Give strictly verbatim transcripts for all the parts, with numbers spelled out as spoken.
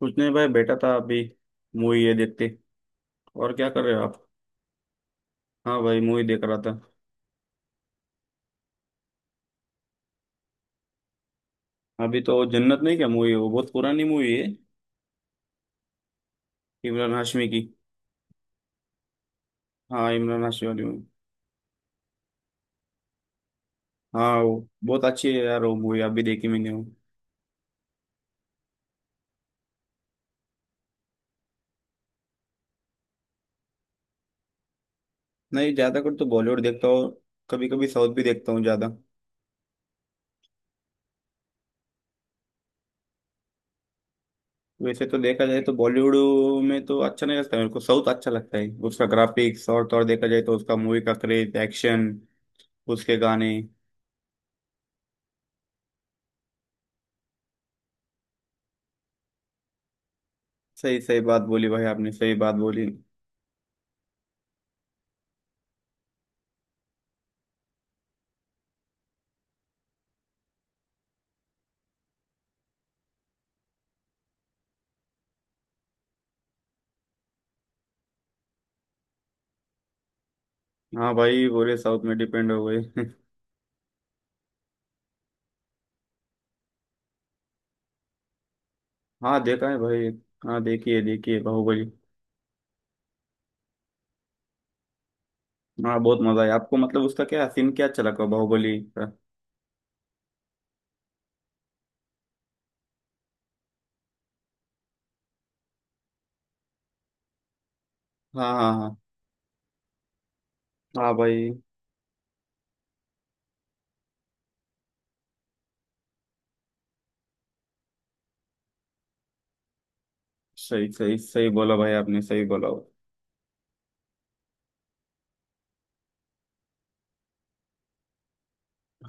कुछ नहीं भाई बैठा था अभी। मूवी ये देखते। और क्या कर रहे हो आप। हाँ भाई मूवी देख रहा था। अभी तो जन्नत नहीं क्या मूवी है, वो बहुत पुरानी मूवी है, इमरान हाशमी की। हाँ इमरान हाशमी वाली मूवी। हाँ वो बहुत अच्छी है यार, वो मूवी अभी देखी मैंने वो। नहीं ज्यादा कर तो बॉलीवुड देखता हूँ। कभी कभी साउथ भी देखता हूँ ज्यादा। वैसे तो देखा जाए तो बॉलीवुड में तो अच्छा नहीं लगता मेरे को, साउथ अच्छा लगता है, उसका ग्राफिक्स और तो और देखा जाए तो उसका मूवी का क्रेज, एक्शन, उसके गाने। सही सही बात बोली भाई, आपने सही बात बोली। हाँ भाई पूरे साउथ में डिपेंड हो गई। हाँ देखा है भाई। हाँ देखिए देखिए बाहुबली। हाँ बहुत मजा आया आपको, मतलब उसका क्या सीन क्या अच्छा लगा बाहुबली का। हाँ हाँ हाँ। हाँ भाई। सही सही सही बोला भाई, आपने सही बोला।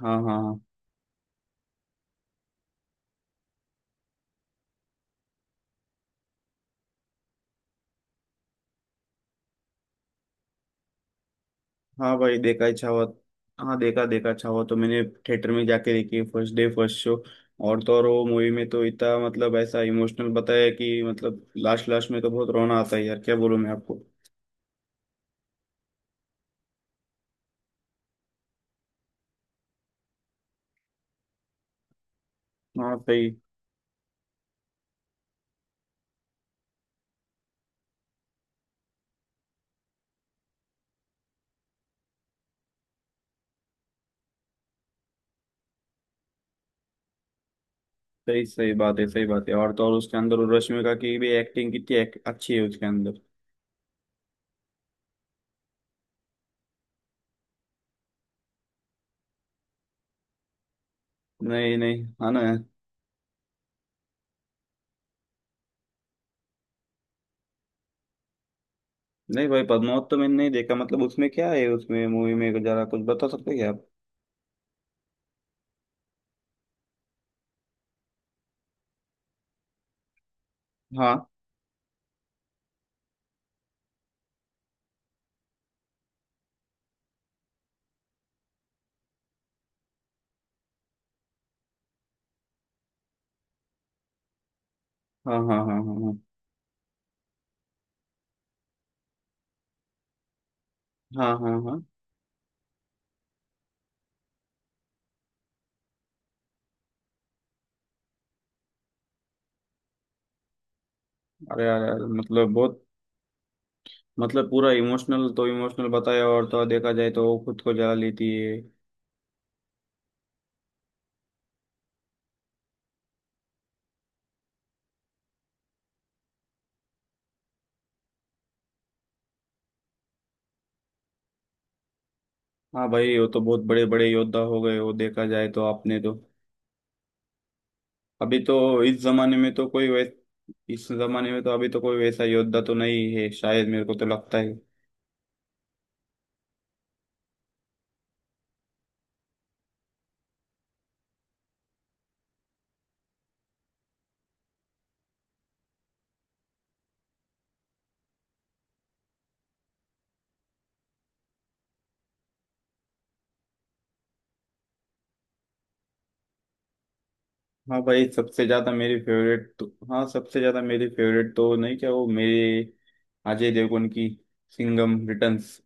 हाँ हाँ हाँ। हाँ भाई देखा है छावा। हाँ देखा देखा छावा तो मैंने, थिएटर में जाके देखी फर्स्ट डे फर्स्ट शो। और तो और वो मूवी में तो इतना मतलब ऐसा इमोशनल बताया कि मतलब लास्ट लास्ट में तो बहुत रोना आता है यार, क्या बोलूं मैं आपको। हाँ सही। सही सही बात है, सही बात है। और तो और उसके अंदर वो रश्मिका की भी एक्टिंग कितनी एक, अच्छी है उसके अंदर। नहीं नहीं, हाँ ना। नहीं भाई पद्मावत तो मैंने नहीं देखा। मतलब उसमें क्या है, उसमें मूवी में जरा कुछ बता सकते हैं क्या आप। हाँ हाँ हाँ हाँ हाँ। हाँ हाँ हाँ हाँ। अरे यार यार, मतलब बहुत मतलब पूरा इमोशनल तो इमोशनल बताया, और तो और देखा जाए तो वो खुद को जला लेती है। हाँ भाई वो तो बहुत बड़े बड़े योद्धा हो गए, वो देखा जाए तो आपने तो। अभी तो इस जमाने में तो कोई वैस इस जमाने में तो अभी तो कोई वैसा योद्धा तो नहीं है शायद, मेरे को तो लगता है। हाँ भाई सबसे ज्यादा मेरी फेवरेट तो। हाँ सबसे ज्यादा मेरी फेवरेट तो नहीं क्या वो मेरे, अजय देवगन की सिंघम रिटर्न्स।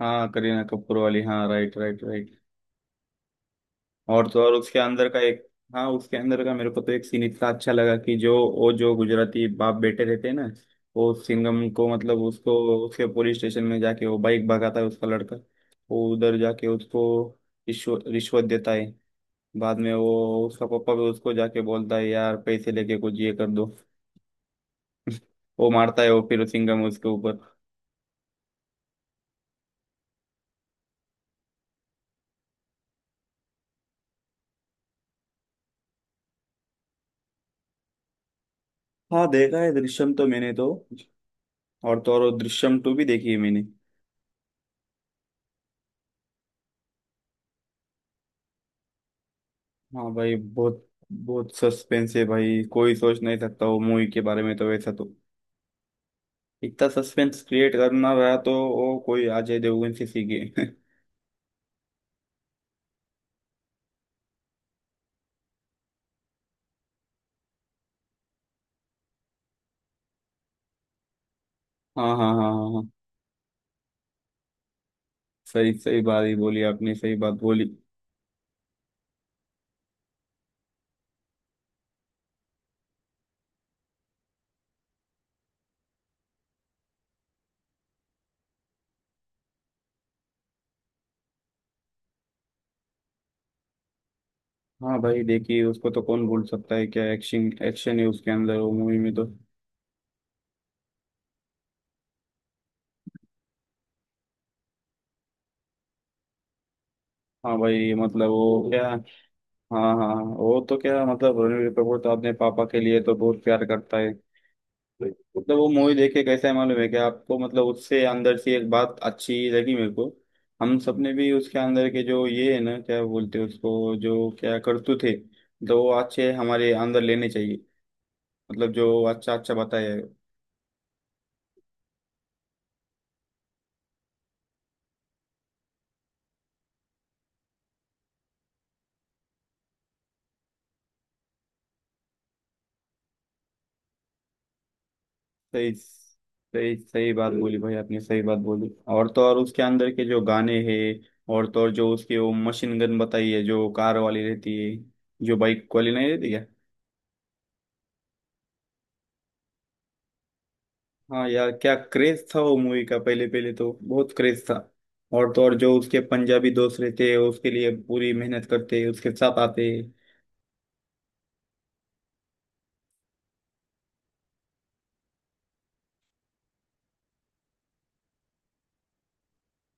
हाँ करीना कपूर वाली, हाँ राइट राइट राइट। और तो और उसके अंदर का एक, हाँ उसके अंदर का मेरे को तो एक सीन इतना अच्छा लगा कि जो वो जो गुजराती बाप बेटे रहते हैं ना, वो सिंघम को मतलब उसको, उसके पुलिस स्टेशन में जाके वो बाइक भगाता है उसका लड़का, वो उधर जाके उसको रिश्वत रिश्वत देता है। बाद में वो उसका पापा भी उसको जाके बोलता है यार पैसे लेके कुछ ये कर दो, वो मारता है वो फिर सिंघम उसके ऊपर। हाँ देखा है दृश्यम तो मैंने तो, और तो और वो दृश्यम टू भी देखी है मैंने। हाँ भाई बहुत बहुत सस्पेंस है भाई, कोई सोच नहीं सकता वो मूवी के बारे में, तो वैसा तो इतना सस्पेंस क्रिएट करना रहा तो वो कोई अजय देवगन से सीखे। हाँ हाँ हाँ हाँ हाँ, सही सही बात ही बोली आपने, सही बात बोली। हाँ भाई देखिए उसको तो कौन भूल सकता है, क्या एक्शन एक्शन है उसके अंदर वो मूवी में तो। हाँ भाई मतलब वो क्या। हाँ हाँ हाँ, वो तो क्या मतलब रणबीर कपूर तो अपने पापा के लिए तो बहुत प्यार करता है। मतलब वो मूवी देख के कैसा है मालूम है कि आपको, मतलब उससे अंदर से एक बात अच्छी लगी मेरे को। हम सबने भी उसके अंदर के जो ये है ना क्या बोलते हैं उसको जो क्या करतूत थे, तो वो अच्छे हमारे अंदर लेने चाहिए। मतलब जो अच्छा अच्छा बताया है। सही सही सही बात बोली भाई, आपने सही बात बोली। और तो और उसके अंदर के जो गाने हैं, और तो और जो उसकी वो मशीन गन बताई है जो कार वाली रहती है, जो बाइक वाली नहीं रहती क्या। हाँ यार क्या क्रेज था वो मूवी का, पहले पहले तो बहुत क्रेज था। और तो और जो उसके पंजाबी दोस्त रहते हैं उसके लिए पूरी मेहनत करते उसके साथ आते।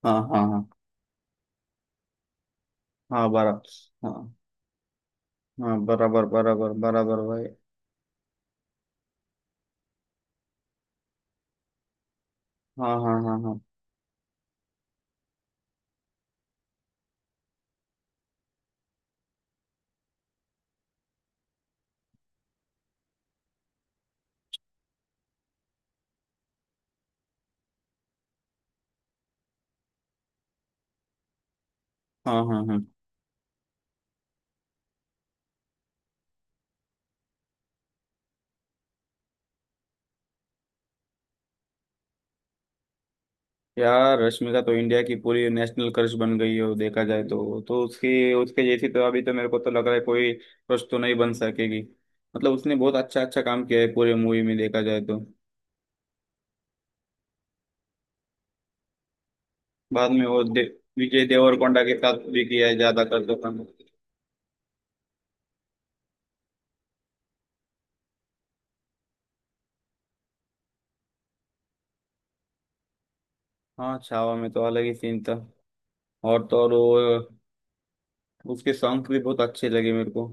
हाँ हाँ हाँ हाँ बराबर। हाँ हाँ बराबर बराबर बराबर भाई। हाँ हाँ हाँ हाँ हाँ हाँ हाँ। यार रश्मिका तो इंडिया की पूरी नेशनल क्रश बन गई है, वो देखा जाए तो तो उसकी उसके जैसी तो अभी तो मेरे को तो लग रहा है कोई क्रश तो नहीं बन सकेगी। मतलब उसने बहुत अच्छा अच्छा काम किया है पूरे मूवी में, देखा जाए तो। बाद में वो दे, विजय देवरकोंडा के साथ भी किया है ज्यादा कर दो काम। हाँ छावा में तो अलग ही सीन था। और तो और वो उसके सॉन्ग भी बहुत अच्छे लगे मेरे को।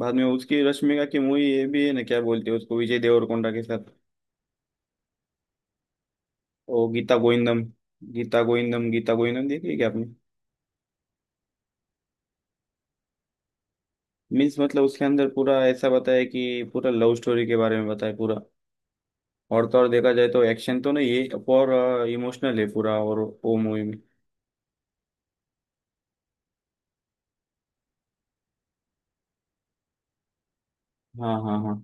बाद में उसकी रश्मिका की मूवी ये भी है ना क्या बोलते हैं उसको, विजय देवरकोंडा के साथ, ओ गीता गोविंदम। गीता गोविंदम गीता गोविंदम देखी है क्या आपने। मीन्स मतलब उसके अंदर पूरा ऐसा बताया कि पूरा लव स्टोरी के बारे में बताया पूरा। और तो और देखा जाए तो एक्शन तो नहीं है, और इमोशनल है पूरा और वो मूवी में। हाँ हाँ हाँ।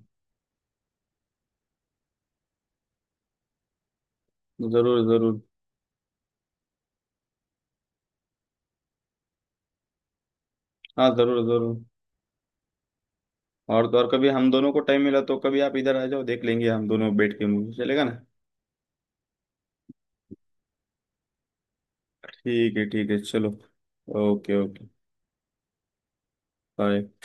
जरूर जरूर। हाँ जरूर जरूर। और तो और कभी हम दोनों को टाइम मिला तो कभी आप इधर आ जाओ, देख लेंगे हम दोनों बैठ के, मूवी चलेगा ना। ठीक है ठीक है चलो। Okay okay. बाय।